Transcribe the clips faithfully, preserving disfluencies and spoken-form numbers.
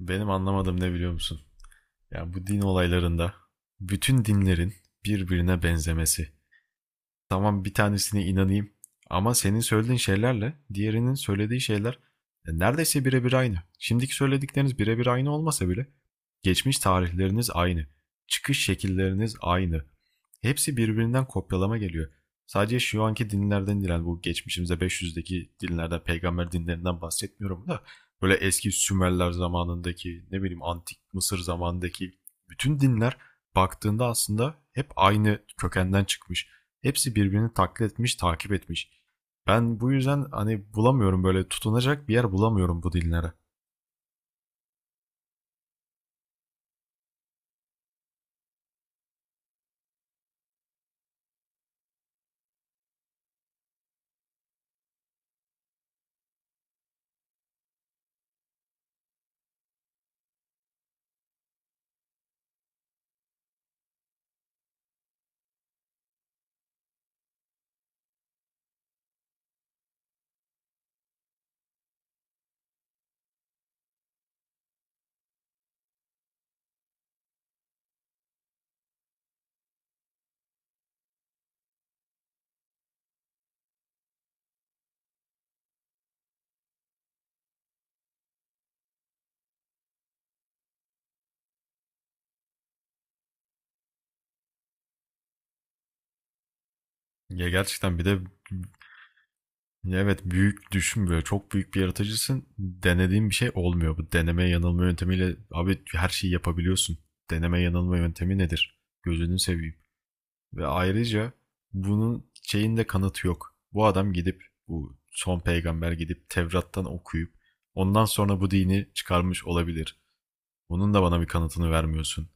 Benim anlamadığım ne biliyor musun? Ya bu din olaylarında bütün dinlerin birbirine benzemesi. Tamam bir tanesine inanayım ama senin söylediğin şeylerle diğerinin söylediği şeyler e, neredeyse birebir aynı. Şimdiki söyledikleriniz birebir aynı olmasa bile geçmiş tarihleriniz aynı. Çıkış şekilleriniz aynı. Hepsi birbirinden kopyalama geliyor. Sadece şu anki dinlerden diren bu geçmişimize beş yüzdeki dinlerden, peygamber dinlerinden bahsetmiyorum da böyle eski Sümerler zamanındaki, ne bileyim antik Mısır zamanındaki bütün dinler baktığında aslında hep aynı kökenden çıkmış. Hepsi birbirini taklit etmiş, takip etmiş. Ben bu yüzden hani bulamıyorum böyle tutunacak bir yer bulamıyorum bu dinlere. Ya gerçekten bir de evet büyük düşün böyle çok büyük bir yaratıcısın. Denediğin bir şey olmuyor. Bu deneme yanılma yöntemiyle abi her şeyi yapabiliyorsun. Deneme yanılma yöntemi nedir? Gözünü seveyim. Ve ayrıca bunun şeyinde kanıtı yok. Bu adam gidip bu son peygamber gidip Tevrat'tan okuyup ondan sonra bu dini çıkarmış olabilir. Bunun da bana bir kanıtını vermiyorsun.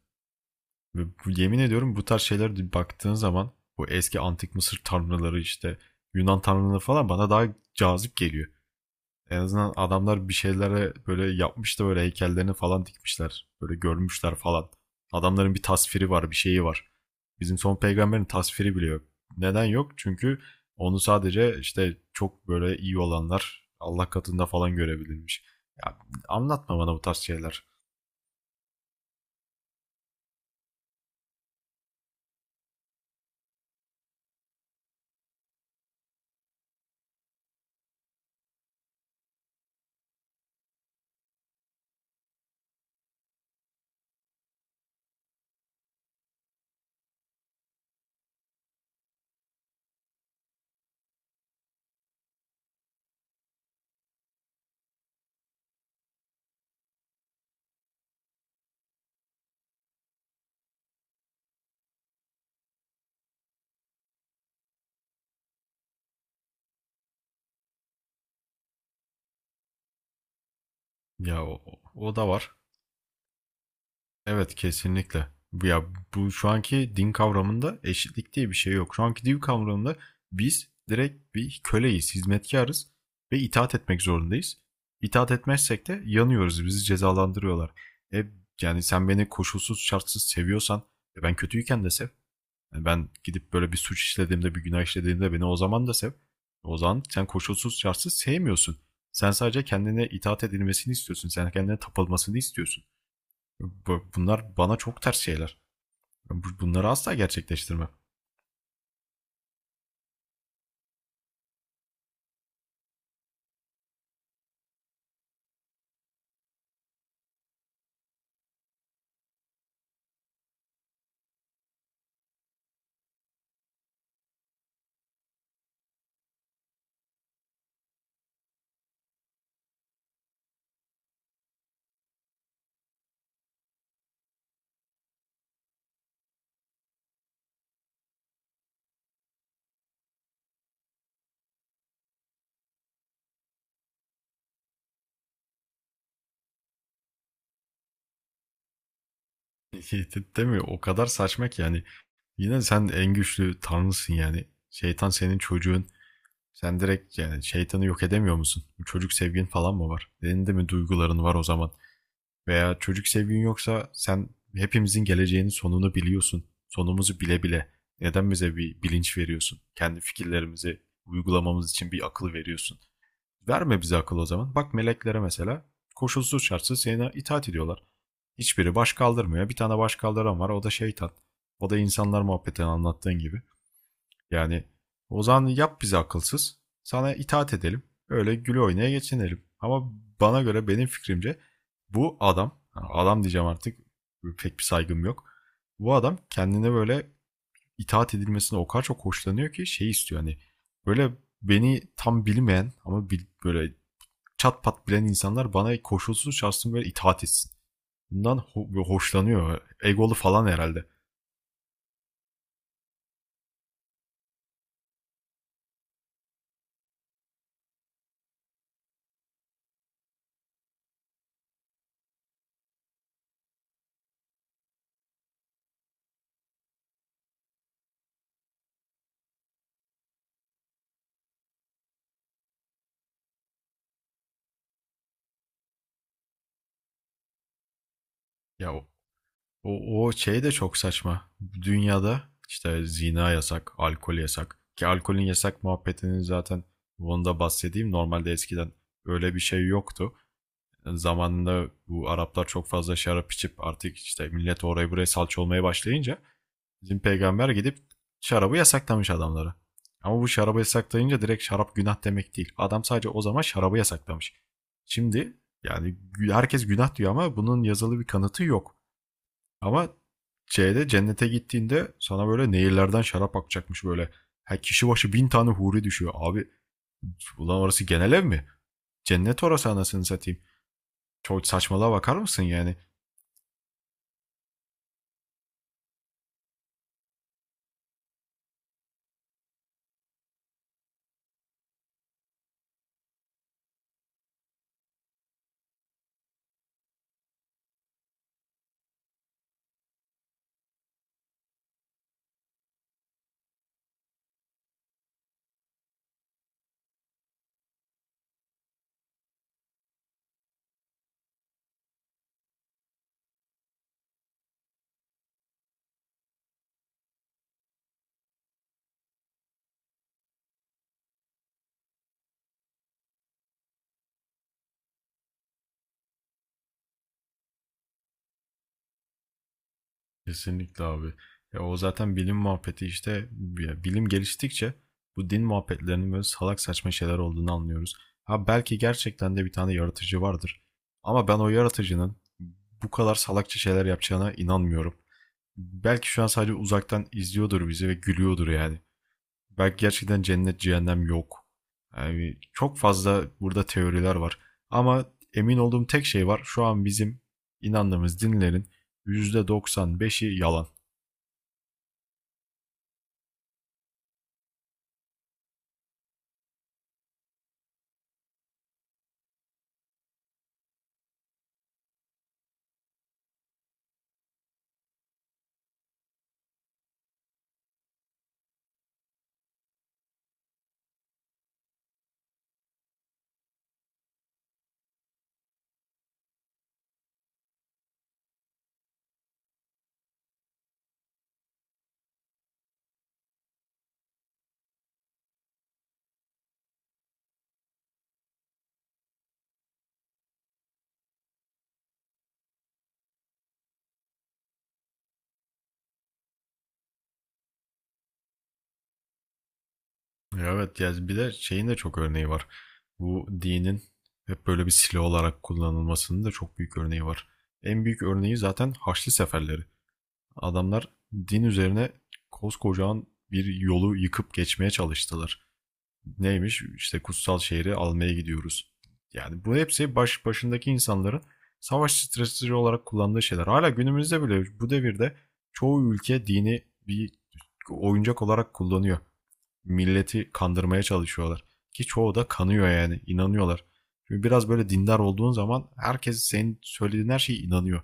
Ve bu- yemin ediyorum bu tarz şeylere baktığın zaman bu eski antik Mısır tanrıları işte Yunan tanrıları falan bana daha cazip geliyor. En azından adamlar bir şeylere böyle yapmış da böyle heykellerini falan dikmişler. Böyle görmüşler falan. Adamların bir tasviri var, bir şeyi var. Bizim son peygamberin tasviri bile yok. Neden yok? Çünkü onu sadece işte çok böyle iyi olanlar Allah katında falan görebilirmiş. Ya anlatma bana bu tarz şeyler. Ya o, o da var. Evet kesinlikle. Bu- Ya bu şu anki din kavramında eşitlik diye bir şey yok. Şu anki din kavramında biz direkt bir köleyiz, hizmetkarız ve itaat etmek zorundayız. İtaat etmezsek de yanıyoruz, bizi cezalandırıyorlar. E, yani sen beni koşulsuz şartsız seviyorsan e, ben kötüyken de sev. Yani ben gidip böyle bir suç işlediğimde, bir günah işlediğimde beni o zaman da sev. O zaman sen koşulsuz şartsız sevmiyorsun. Sen sadece kendine itaat edilmesini istiyorsun. Sen kendine tapılmasını istiyorsun. Bunlar bana çok ters şeyler. Bunları asla gerçekleştirmem. Değil mi? O kadar saçma ki yani. Yine sen en güçlü tanrısın yani. Şeytan senin çocuğun. Sen direkt yani şeytanı yok edemiyor musun? Bu çocuk sevgin falan mı var? Senin de mi duyguların var o zaman? Veya çocuk sevgin yoksa sen hepimizin geleceğinin sonunu biliyorsun. Sonumuzu bile bile neden bize bir bilinç veriyorsun? Kendi fikirlerimizi uygulamamız için bir akıl veriyorsun. Verme bize akıl o zaman. Bak meleklere mesela koşulsuz şartsız sana itaat ediyorlar. Hiçbiri baş kaldırmıyor. Bir tane baş kaldıran var o da şeytan. O da insanlar muhabbetini anlattığın gibi. Yani o zaman yap bizi akılsız. Sana itaat edelim. Öyle güle oynaya geçinelim. Ama bana göre benim fikrimce bu adam, yani adam diyeceğim artık pek bir saygım yok. Bu adam kendine böyle itaat edilmesine o kadar çok hoşlanıyor ki şey istiyor hani böyle beni tam bilmeyen ama bil- böyle çat pat bilen insanlar bana koşulsuz şartsız böyle itaat etsin. Bundan ho- hoşlanıyor. Egolu falan herhalde. Ya O, o şey de çok saçma. Dünyada işte zina yasak, alkol yasak. Ki alkolün yasak muhabbetinin zaten bunu da bahsedeyim. Normalde eskiden öyle bir şey yoktu. Zamanında bu Araplar çok fazla şarap içip artık işte millet oraya buraya salça olmaya başlayınca bizim peygamber gidip şarabı yasaklamış adamlara. Ama bu şarabı yasaklayınca direkt şarap günah demek değil. Adam sadece o zaman şarabı yasaklamış. Şimdi yani herkes günah diyor ama bunun yazılı bir kanıtı yok. Ama C'de cennete gittiğinde sana böyle nehirlerden şarap akacakmış böyle. Her kişi başı bin tane huri düşüyor. Abi ulan orası genel ev mi? Cennet orası anasını satayım. Çok saçmalığa bakar mısın yani? Kesinlikle abi. Ya o zaten bilim muhabbeti işte bilim geliştikçe bu din muhabbetlerinin böyle salak saçma şeyler olduğunu anlıyoruz. Ha belki gerçekten de bir tane yaratıcı vardır. Ama ben o yaratıcının bu kadar salakça şeyler yapacağına inanmıyorum. Belki şu an sadece uzaktan izliyordur bizi ve gülüyordur yani. Belki gerçekten cennet cehennem yok. Yani çok fazla burada teoriler var. Ama emin olduğum tek şey var. Şu an bizim inandığımız dinlerin yüzde doksan beşi yalan. Evet yani bir de şeyin de çok örneği var. Bu dinin hep böyle bir silah olarak kullanılmasının da çok büyük örneği var. En büyük örneği zaten Haçlı Seferleri. Adamlar din üzerine koskocaman bir yolu yıkıp geçmeye çalıştılar. Neymiş? İşte kutsal şehri almaya gidiyoruz. Yani bu hepsi baş başındaki insanların savaş stratejisi olarak kullandığı şeyler. Hala günümüzde bile bu devirde çoğu ülke dini bir oyuncak olarak kullanıyor. Milleti kandırmaya çalışıyorlar. Ki çoğu da kanıyor yani inanıyorlar. Çünkü biraz böyle dindar olduğun zaman herkes senin söylediğin her şeye inanıyor.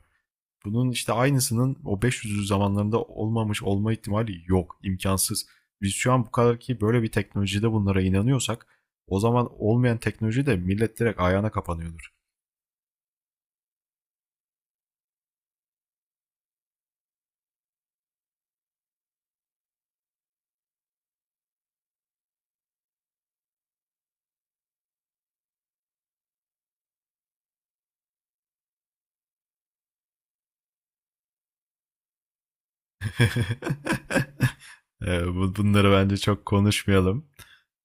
Bunun işte aynısının o beş yüzlü zamanlarında olmamış olma ihtimali yok. İmkansız. Biz şu an bu kadar ki böyle bir teknolojide bunlara inanıyorsak o zaman olmayan teknoloji de millet direkt ayağına kapanıyordur. bu- Bunları bence çok konuşmayalım.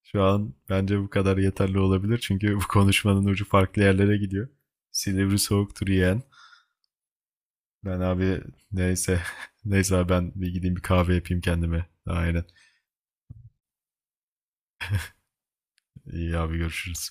Şu an bence bu kadar yeterli olabilir. Çünkü bu konuşmanın ucu farklı yerlere gidiyor. Silivri soğuktur yeğen. Ben abi neyse. Neyse abi ben bir gideyim bir kahve yapayım kendime. Aynen. İyi abi görüşürüz.